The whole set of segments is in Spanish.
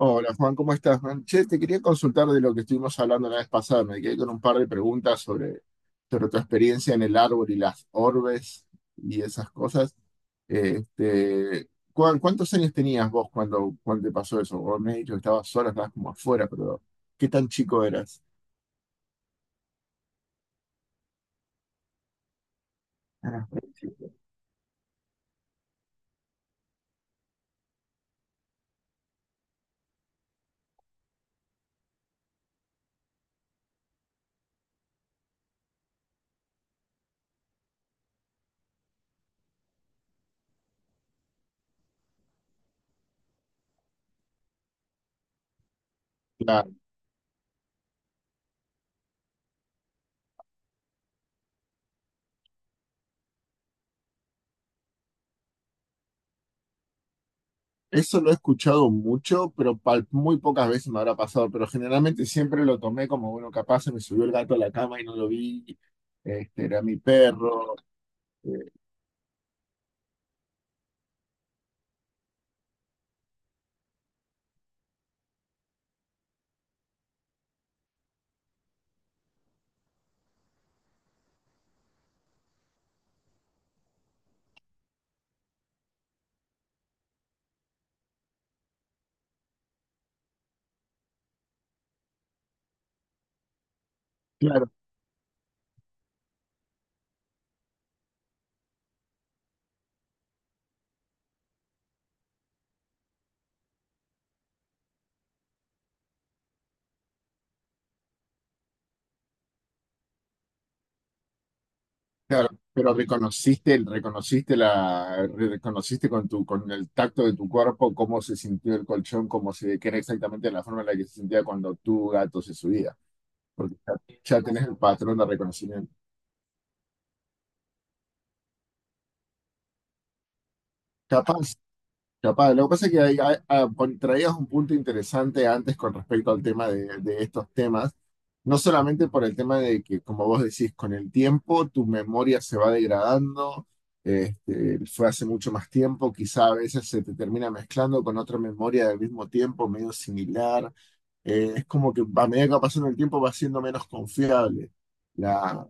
Hola Juan, ¿cómo estás, man? Che, te quería consultar de lo que estuvimos hablando la vez pasada. Me quedé con un par de preguntas sobre tu experiencia en el árbol y las orbes y esas cosas. Este, ¿Cuántos años tenías vos cuando te pasó eso? Vos me has dicho que estabas sola, estabas como afuera, pero ¿qué tan chico eras? Ah, claro. Eso lo he escuchado mucho, pero muy pocas veces me habrá pasado, pero generalmente siempre lo tomé como, bueno, capaz se me subió el gato a la cama y no lo vi. Era mi perro. Claro, claro, pero reconociste con el tacto de tu cuerpo cómo se sintió el colchón, que era exactamente la forma en la que se sentía cuando tu gato se subía, porque ya tenés el patrón de reconocimiento. Capaz Capaz, lo que pasa es que traías un punto interesante antes con respecto al tema de estos temas, no solamente por el tema de que, como vos decís, con el tiempo tu memoria se va degradando. Fue hace mucho más tiempo, quizá a veces se te termina mezclando con otra memoria del mismo tiempo, medio similar. Es como que a medida que va pasando el tiempo va siendo menos confiable la,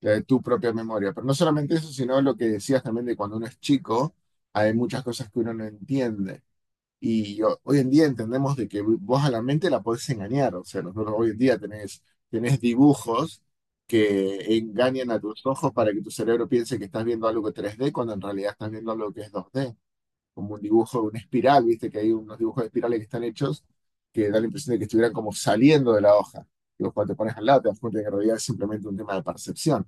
la de tu propia memoria, pero no solamente eso, sino lo que decías también de cuando uno es chico, hay muchas cosas que uno no entiende. Y hoy en día entendemos de que vos a la mente la podés engañar. O sea, nosotros hoy en día tenés dibujos que engañan a tus ojos para que tu cerebro piense que estás viendo algo que es 3D cuando en realidad estás viendo algo que es 2D. Como un dibujo, una espiral, viste que hay unos dibujos de espirales que están hechos, que da la impresión de que estuvieran como saliendo de la hoja. Y vos cuando te pones al lado te das cuenta de que en realidad es simplemente un tema de percepción,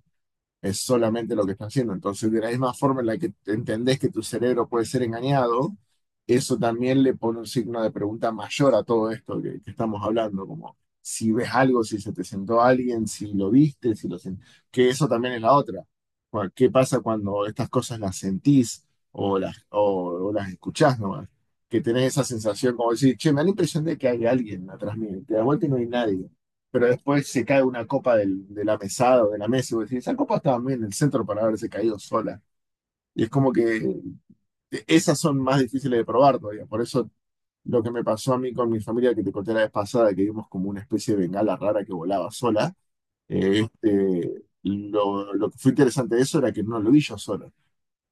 es solamente lo que está haciendo. Entonces, de la misma forma en la que entendés que tu cerebro puede ser engañado, eso también le pone un signo de pregunta mayor a todo esto que estamos hablando, como si ves algo, si se te sentó alguien, si lo viste, si lo sen- que eso también es la otra. ¿Qué pasa cuando estas cosas las sentís o las escuchás nomás? Que tenés esa sensación como decir, che, me da la impresión de que hay alguien atrás mío, y te das vuelta y no hay nadie, pero después se cae una copa de la mesada o de la mesa y vos decís, esa copa estaba muy en el centro para haberse caído sola. Y es como que esas son más difíciles de probar todavía. Por eso lo que me pasó a mí con mi familia que te conté la vez pasada, que vimos como una especie de bengala rara que volaba sola, lo que fue interesante de eso era que no lo vi yo solo.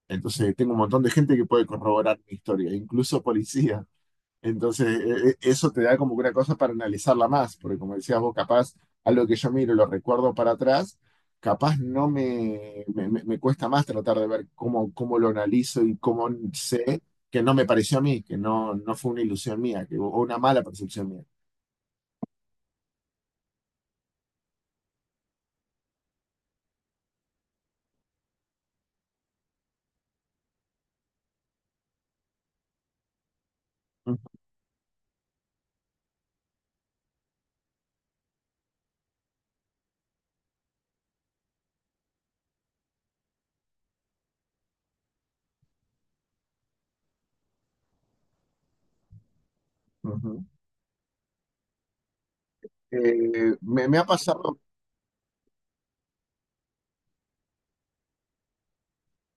Entonces tengo un montón de gente que puede corroborar mi historia, incluso policía. Entonces, eso te da como una cosa para analizarla más, porque como decías vos, capaz algo que yo miro y lo recuerdo para atrás, capaz no me, me, me- me cuesta más tratar de ver cómo lo analizo y cómo sé que no me pareció a mí, que no, no fue una ilusión mía, que, o una mala percepción mía. Ujú, ujú. Me ha pasado,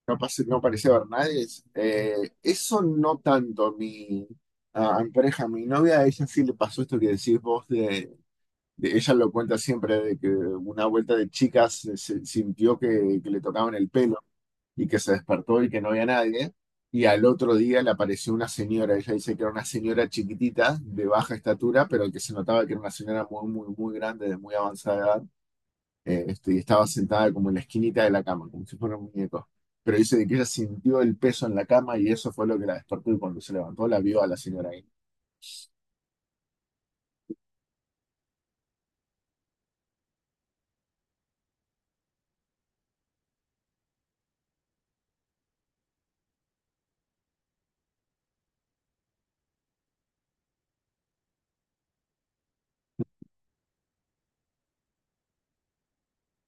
capaz no parecía ver nadie, eso no tanto. Mi, a a mi pareja, a mi novia, a ella sí le pasó esto que decís vos. Ella lo cuenta siempre de que una vuelta de chicas sintió que le tocaban el pelo, y que se despertó y que no había nadie. Y al otro día le apareció una señora. Ella dice que era una señora chiquitita, de baja estatura, pero que se notaba que era una señora muy, muy, muy grande, de muy avanzada edad. Y estaba sentada como en la esquinita de la cama, como si fuera un muñeco. Pero dice de que ella sintió el peso en la cama y eso fue lo que la despertó, y cuando se levantó la vio a la señora ahí.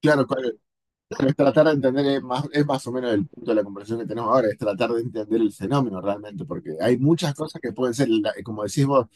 Claro, es tratar de entender. Es más, es más o menos el punto de la conversación que tenemos ahora, es tratar de entender el fenómeno realmente, porque hay muchas cosas que pueden ser, como decís vos,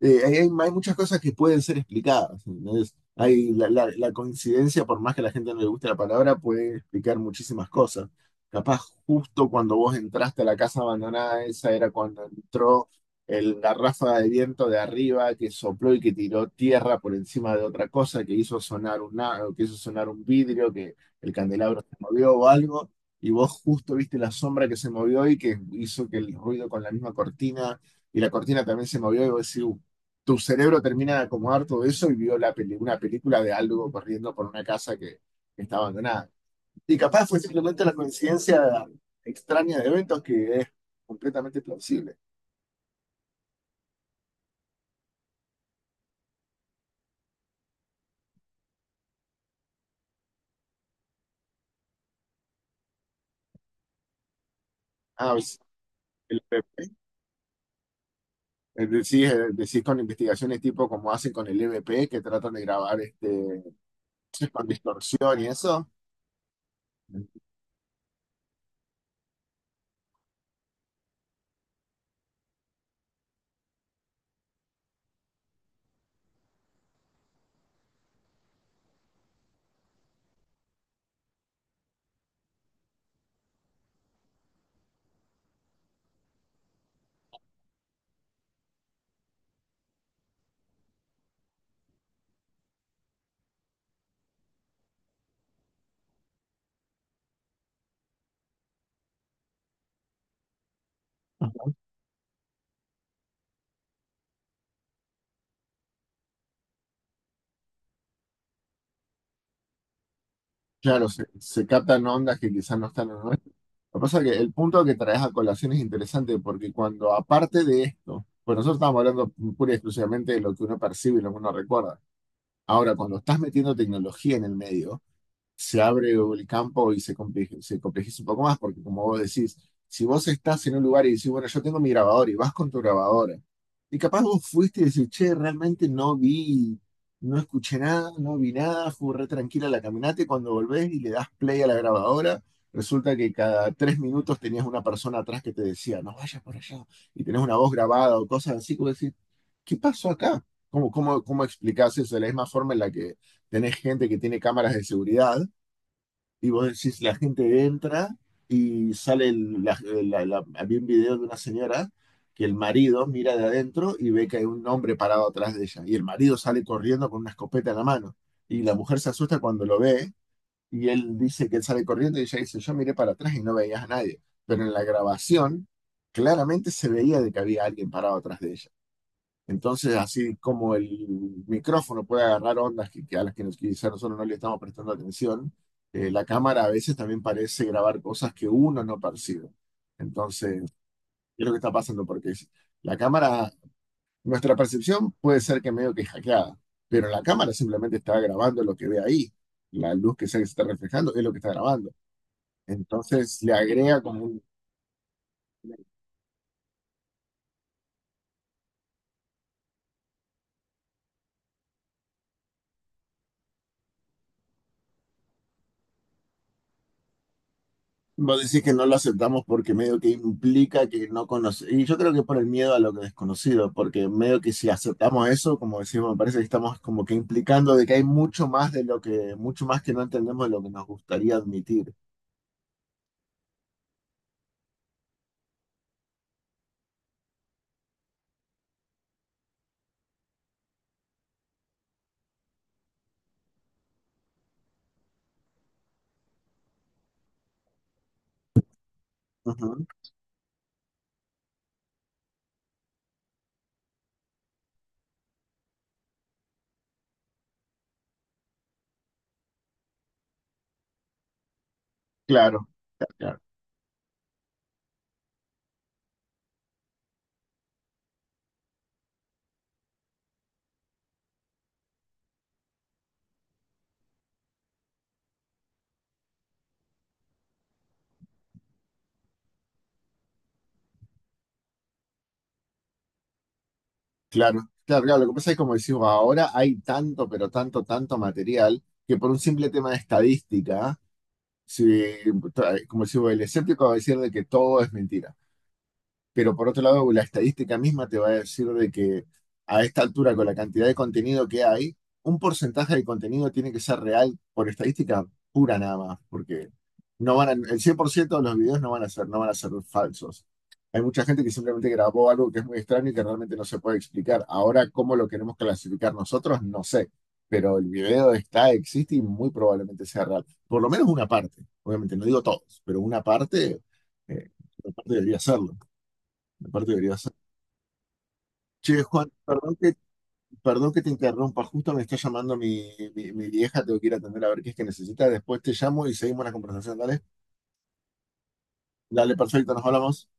hay muchas cosas que pueden ser explicadas, ¿entendés? Hay la coincidencia, por más que a la gente no le guste la palabra, puede explicar muchísimas cosas. Capaz justo cuando vos entraste a la casa abandonada, esa era cuando entró la ráfaga de viento de arriba que sopló y que tiró tierra por encima de otra cosa, que hizo sonar una, que hizo sonar un vidrio, que el candelabro se movió o algo, y vos justo viste la sombra que se movió y que hizo que el ruido con la misma cortina, y la cortina también se movió y vos decís, tu cerebro termina de acomodar todo eso y vio la una película de algo corriendo por una casa que está abandonada. Y capaz fue simplemente la coincidencia extraña de eventos, que es completamente plausible. Ah, el EVP. Decís, decís con investigaciones tipo como hacen con el EVP, que tratan de grabar, con distorsión y eso. Claro, se captan ondas que quizás no están en el nuestro. Lo que pasa es que el punto que traes a colación es interesante porque cuando aparte de esto, pues nosotros estamos hablando pura y exclusivamente de lo que uno percibe y lo que uno recuerda. Ahora, cuando estás metiendo tecnología en el medio, se abre el campo y se complejiza un poco más, porque como vos decís, si vos estás en un lugar y decís, bueno, yo tengo mi grabador y vas con tu grabadora, y capaz vos fuiste y decís, che, realmente no vi, no escuché nada, no vi nada, fue re tranquila la caminata, y cuando volvés y le das play a la grabadora, resulta que cada 3 minutos tenías una persona atrás que te decía, no vayas por allá, y tenés una voz grabada o cosas así, como decís, ¿qué pasó acá? ¿Cómo explicás eso? De la misma forma en la que tenés gente que tiene cámaras de seguridad, y vos decís, la gente entra y sale, había un video de una señora que el marido mira de adentro y ve que hay un hombre parado atrás de ella. Y el marido sale corriendo con una escopeta en la mano. Y la mujer se asusta cuando lo ve, y él dice que él sale corriendo y ella dice, yo miré para atrás y no veías a nadie. Pero en la grabación claramente se veía de que había alguien parado atrás de ella. Entonces, así como el micrófono puede agarrar ondas que, a las que quizá nosotros no le estamos prestando atención, la cámara a veces también parece grabar cosas que uno no percibe. Entonces, ¿qué es lo que está pasando? Porque la cámara, nuestra percepción puede ser que medio que hackeada, pero la cámara simplemente está grabando lo que ve ahí. La luz que se está reflejando es lo que está grabando. Entonces, le agrega como. Vos decís que no lo aceptamos porque medio que implica que no conoce. Y yo creo que por el miedo a lo que desconocido, porque medio que si aceptamos eso, como decimos, me parece que estamos como que implicando de que hay mucho más de lo que, mucho más que no entendemos de lo que nos gustaría admitir. Ujú. Claro, claro, claro, claro, claro. Lo que pasa es que como decimos, ahora hay tanto, pero tanto, tanto material, que por un simple tema de estadística, si, como decimos, el escéptico va a decir de que todo es mentira. Pero por otro lado, la estadística misma te va a decir de que a esta altura, con la cantidad de contenido que hay, un porcentaje de contenido tiene que ser real por estadística pura nada más, porque no van a- el 100% de los videos no van a ser falsos. Hay mucha gente que simplemente grabó algo que es muy extraño y que realmente no se puede explicar. Ahora, ¿cómo lo queremos clasificar nosotros? No sé, pero el video está, existe, y muy probablemente sea real. Por lo menos una parte, obviamente, no digo todos, pero eh, una parte debería serlo. Aparte deberías. Che, Juan, perdón que te interrumpa. Justo me está llamando mi vieja. Tengo que ir a atender a ver qué es que necesita. Después te llamo y seguimos la conversación, ¿dale? Dale, perfecto, nos hablamos.